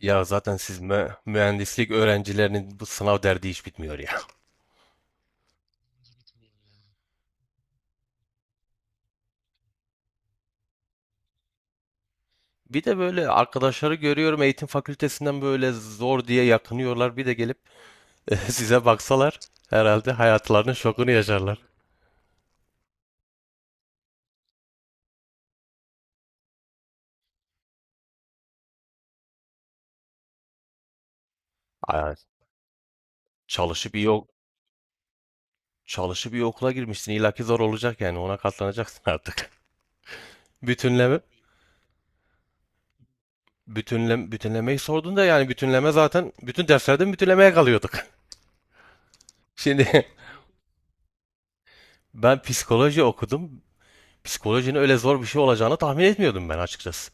Ya zaten siz mühendislik öğrencilerinin bu sınav derdi hiç bitmiyor ya. Bir de böyle arkadaşları görüyorum eğitim fakültesinden böyle zor diye yakınıyorlar. Bir de gelip size baksalar herhalde hayatlarının şokunu yaşarlar. Ay, çalışıp iyi, ok- çalışıp iyi okula girmişsin. İlla ki zor olacak yani, ona katlanacaksın artık. Bütünleme, bütünlemeyi sordun da yani, bütünleme zaten bütün derslerden bütünlemeye kalıyorduk. Şimdi ben psikoloji okudum. Psikolojinin öyle zor bir şey olacağını tahmin etmiyordum ben açıkçası.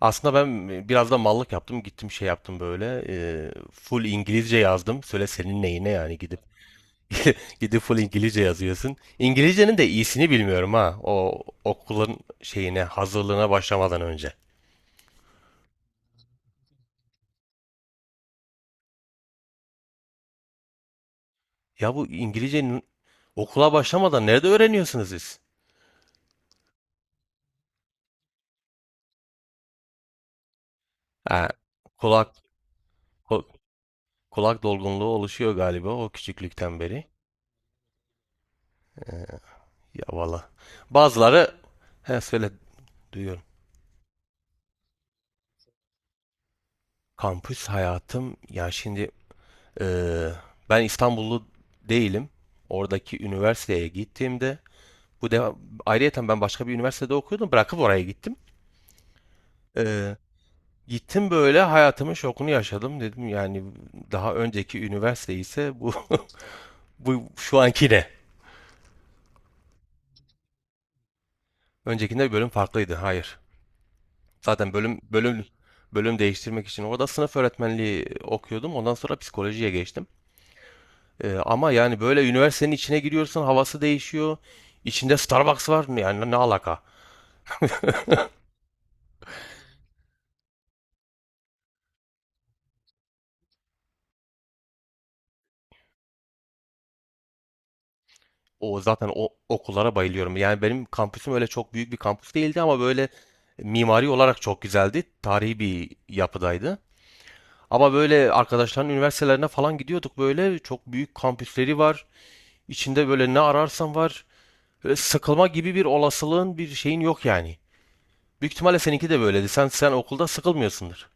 Aslında ben biraz da mallık yaptım. Gittim şey yaptım böyle. Full İngilizce yazdım. Söyle senin neyine yani, gidip gidip full İngilizce yazıyorsun. İngilizcenin de iyisini bilmiyorum ha. O okulun şeyine, hazırlığına başlamadan önce. Ya, bu İngilizcenin okula başlamadan nerede öğreniyorsunuz siz? Ha, kulak ku- kulak dolgunluğu oluşuyor galiba o küçüklükten beri. Ee, ya valla. Bazıları he söyle duyuyorum. Kampüs hayatım ya şimdi, Ee, ben İstanbullu değilim. Oradaki üniversiteye gittiğimde, bu de ayrıyeten ben başka bir üniversitede okuyordum. Bırakıp oraya gittim. Ee, gittim böyle, hayatımın şokunu yaşadım dedim. Yani daha önceki üniversite ise bu bu şu anki ne? Öncekinde bir bölüm farklıydı. Hayır. Zaten bölüm değiştirmek için orada sınıf öğretmenliği okuyordum. Ondan sonra psikolojiye geçtim. Ama yani böyle üniversitenin içine giriyorsun, havası değişiyor. İçinde Starbucks var. Yani ne alaka? O zaten, o okullara bayılıyorum. Yani benim kampüsüm öyle çok büyük bir kampüs değildi, ama böyle mimari olarak çok güzeldi. Tarihi bir yapıdaydı. Ama böyle arkadaşların üniversitelerine falan gidiyorduk, böyle çok büyük kampüsleri var. İçinde böyle ne ararsan var. Böyle sıkılma gibi bir olasılığın, bir şeyin yok yani. Büyük ihtimalle seninki de böyleydi. Sen okulda sıkılmıyorsundur.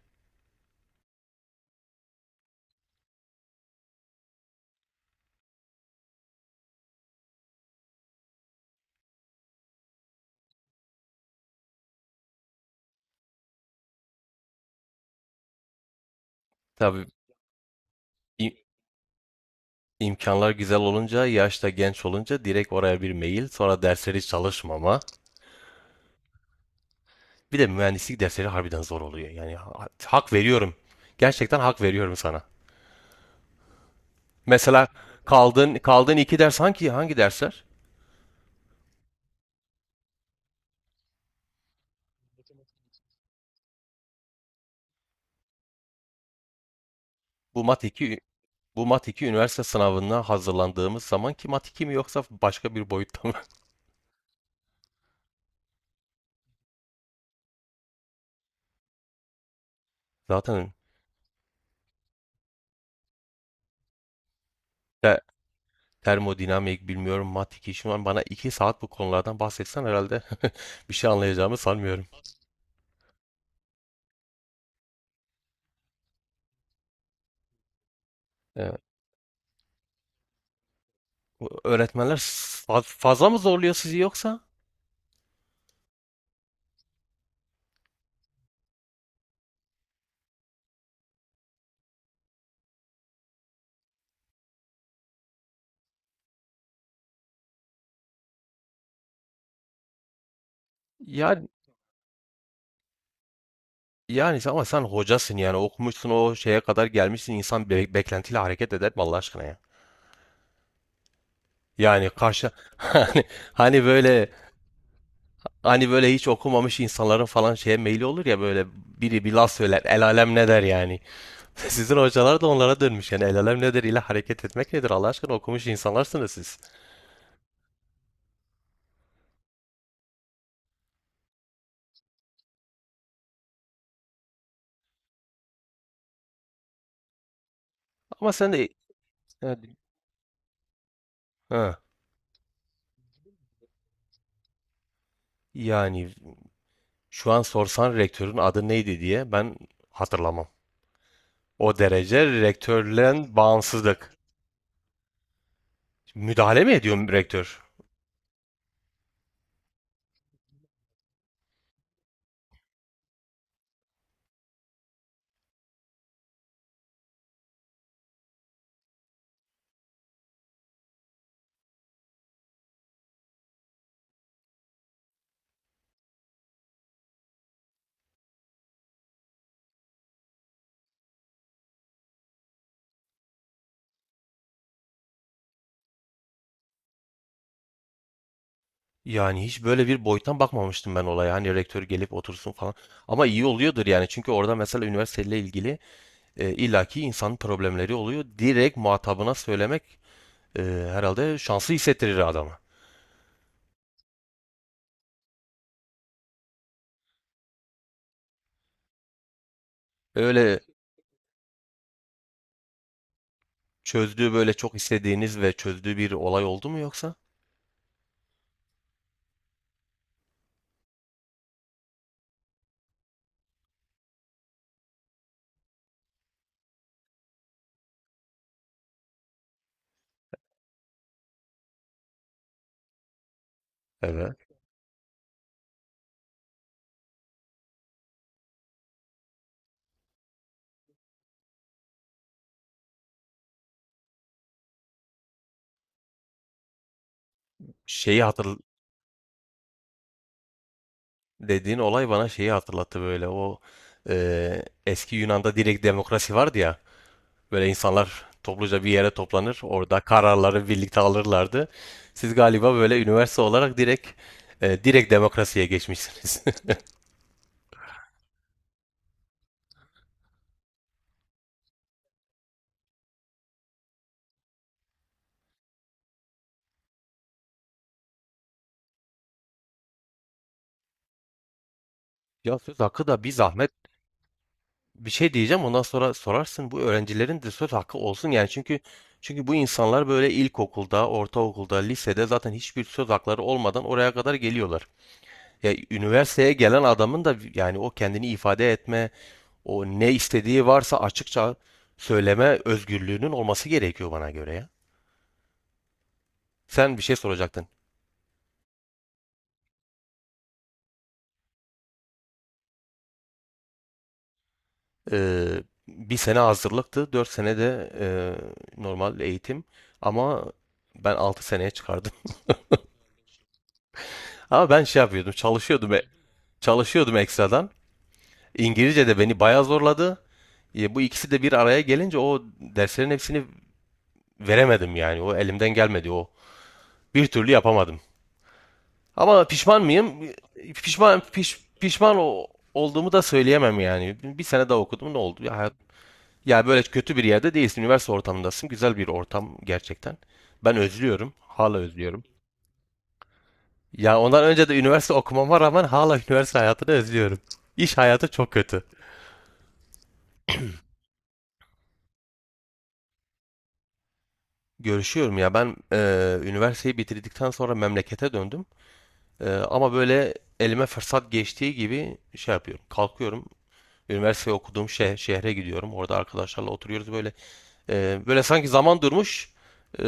Tabii im- imkanlar güzel olunca, yaşta genç olunca direkt oraya bir mail, sonra dersleri çalışmama. Bir de mühendislik dersleri harbiden zor oluyor. Yani hak veriyorum. Gerçekten hak veriyorum sana. Mesela kaldığın iki ders, hangi dersler? Bu Mat 2, bu Mat 2 üniversite sınavına hazırlandığımız zaman ki Mat 2 mi, yoksa başka bir boyutta mı? Zaten te- termodinamik bilmiyorum, Mat 2 şu an bana 2 saat bu konulardan bahsetsen herhalde bir şey anlayacağımı sanmıyorum. Evet. Öğretmenler fazla mı zorluyor sizi yoksa? Yani, yani, ama sen hocasın yani, okumuşsun o şeye kadar gelmişsin, insan beklentiyle hareket eder mi Allah aşkına ya? Yani karşı hani, hani böyle hani böyle hiç okumamış insanların falan şeye meyli olur ya, böyle biri bir laf söyler el alem ne der yani. Sizin hocalar da onlara dönmüş. Yani el alem nedir ile hareket etmek nedir? Allah aşkına, okumuş insanlarsınız siz. Ama sen de yani, ha, yani şu an sorsan rektörün adı neydi diye ben hatırlamam. O derece rektörle bağımsızlık. Müdahale mi ediyor rektör? Yani hiç böyle bir boyuttan bakmamıştım ben olaya. Hani rektör gelip otursun falan. Ama iyi oluyordur yani. Çünkü orada mesela üniversiteyle ilgili illaki insanın problemleri oluyor. Direkt muhatabına söylemek e, herhalde şanslı hissettirir adamı. Öyle çözdüğü, böyle çok istediğiniz ve çözdüğü bir olay oldu mu yoksa? Evet. Şeyi hatır dediğin olay bana şeyi hatırlattı, böyle, o eski Yunan'da direkt demokrasi vardı ya. Böyle insanlar topluca bir yere toplanır, orada kararları birlikte alırlardı. Siz galiba böyle üniversite olarak direkt, direkt demokrasiye geçmişsiniz. Ya söz hakkı da bir zahmet, bir şey diyeceğim ondan sonra sorarsın bu öğrencilerin de söz hakkı olsun yani, çünkü bu insanlar böyle ilkokulda, ortaokulda, lisede zaten hiçbir söz hakları olmadan oraya kadar geliyorlar. Ya üniversiteye gelen adamın da yani, o kendini ifade etme, o ne istediği varsa açıkça söyleme özgürlüğünün olması gerekiyor bana göre ya. Sen bir şey soracaktın. Ee, bir sene hazırlıktı, 4 sene de normal eğitim, ama ben 6 seneye çıkardım. Ama ben şey yapıyordum, çalışıyordum ekstradan. İngilizce de beni bayağı zorladı. Bu ikisi de bir araya gelince o derslerin hepsini veremedim yani. O elimden gelmedi o. Bir türlü yapamadım. Ama pişman mıyım? Pişman olduğumu da söyleyemem yani. Bir sene daha okudum, ne oldu? Böyle kötü bir yerde değilsin. Üniversite ortamındasın. Güzel bir ortam gerçekten. Ben özlüyorum. Hala özlüyorum. Ya, ondan önce de üniversite okumama rağmen hala üniversite hayatını özlüyorum. İş hayatı çok kötü. Görüşüyorum ya, ben üniversiteyi bitirdikten sonra memlekete döndüm. Ama böyle elime fırsat geçtiği gibi şey yapıyorum. Kalkıyorum. Üniversiteyi okuduğum şehre gidiyorum. Orada arkadaşlarla oturuyoruz böyle. Böyle sanki zaman durmuş. Eee,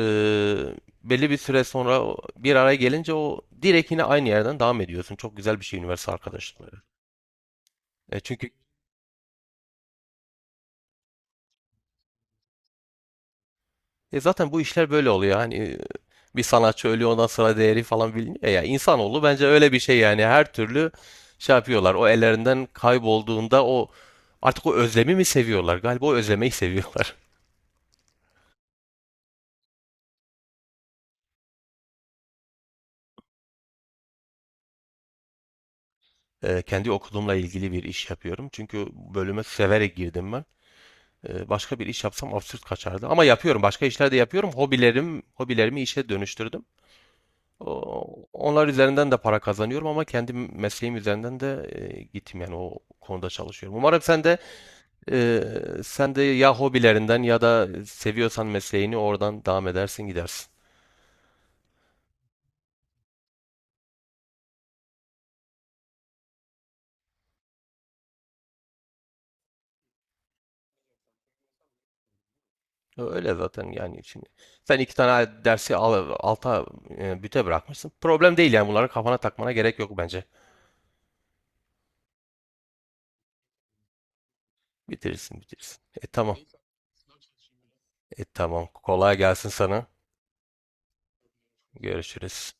belli bir süre sonra bir araya gelince o direkt yine aynı yerden devam ediyorsun. Çok güzel bir şey üniversite arkadaşlıkları. E, çünkü E zaten bu işler böyle oluyor. Hani bir sanatçı ölüyor, ondan sonra değeri falan biliniyor ya. İnsanoğlu bence öyle bir şey yani. Her türlü şey yapıyorlar. O ellerinden kaybolduğunda o, artık o özlemi mi seviyorlar? Galiba o özlemeyi seviyorlar. Kendi okulumla ilgili bir iş yapıyorum. Çünkü bölüme severek girdim ben. Başka bir iş yapsam absürt kaçardı. Ama yapıyorum. Başka işler de yapıyorum. Hobilerimi işe dönüştürdüm. Onlar üzerinden de para kazanıyorum, ama kendi mesleğim üzerinden de gittim yani, o konuda çalışıyorum. Umarım e, sen de ya hobilerinden ya da seviyorsan mesleğini oradan devam edersin, gidersin. Öyle zaten yani şimdi. Sen iki tane dersi alta, büte bırakmışsın. Problem değil yani, bunları kafana takmana gerek yok bence. Bitirirsin bitirirsin. Tamam. Tamam. Kolay gelsin sana. Görüşürüz.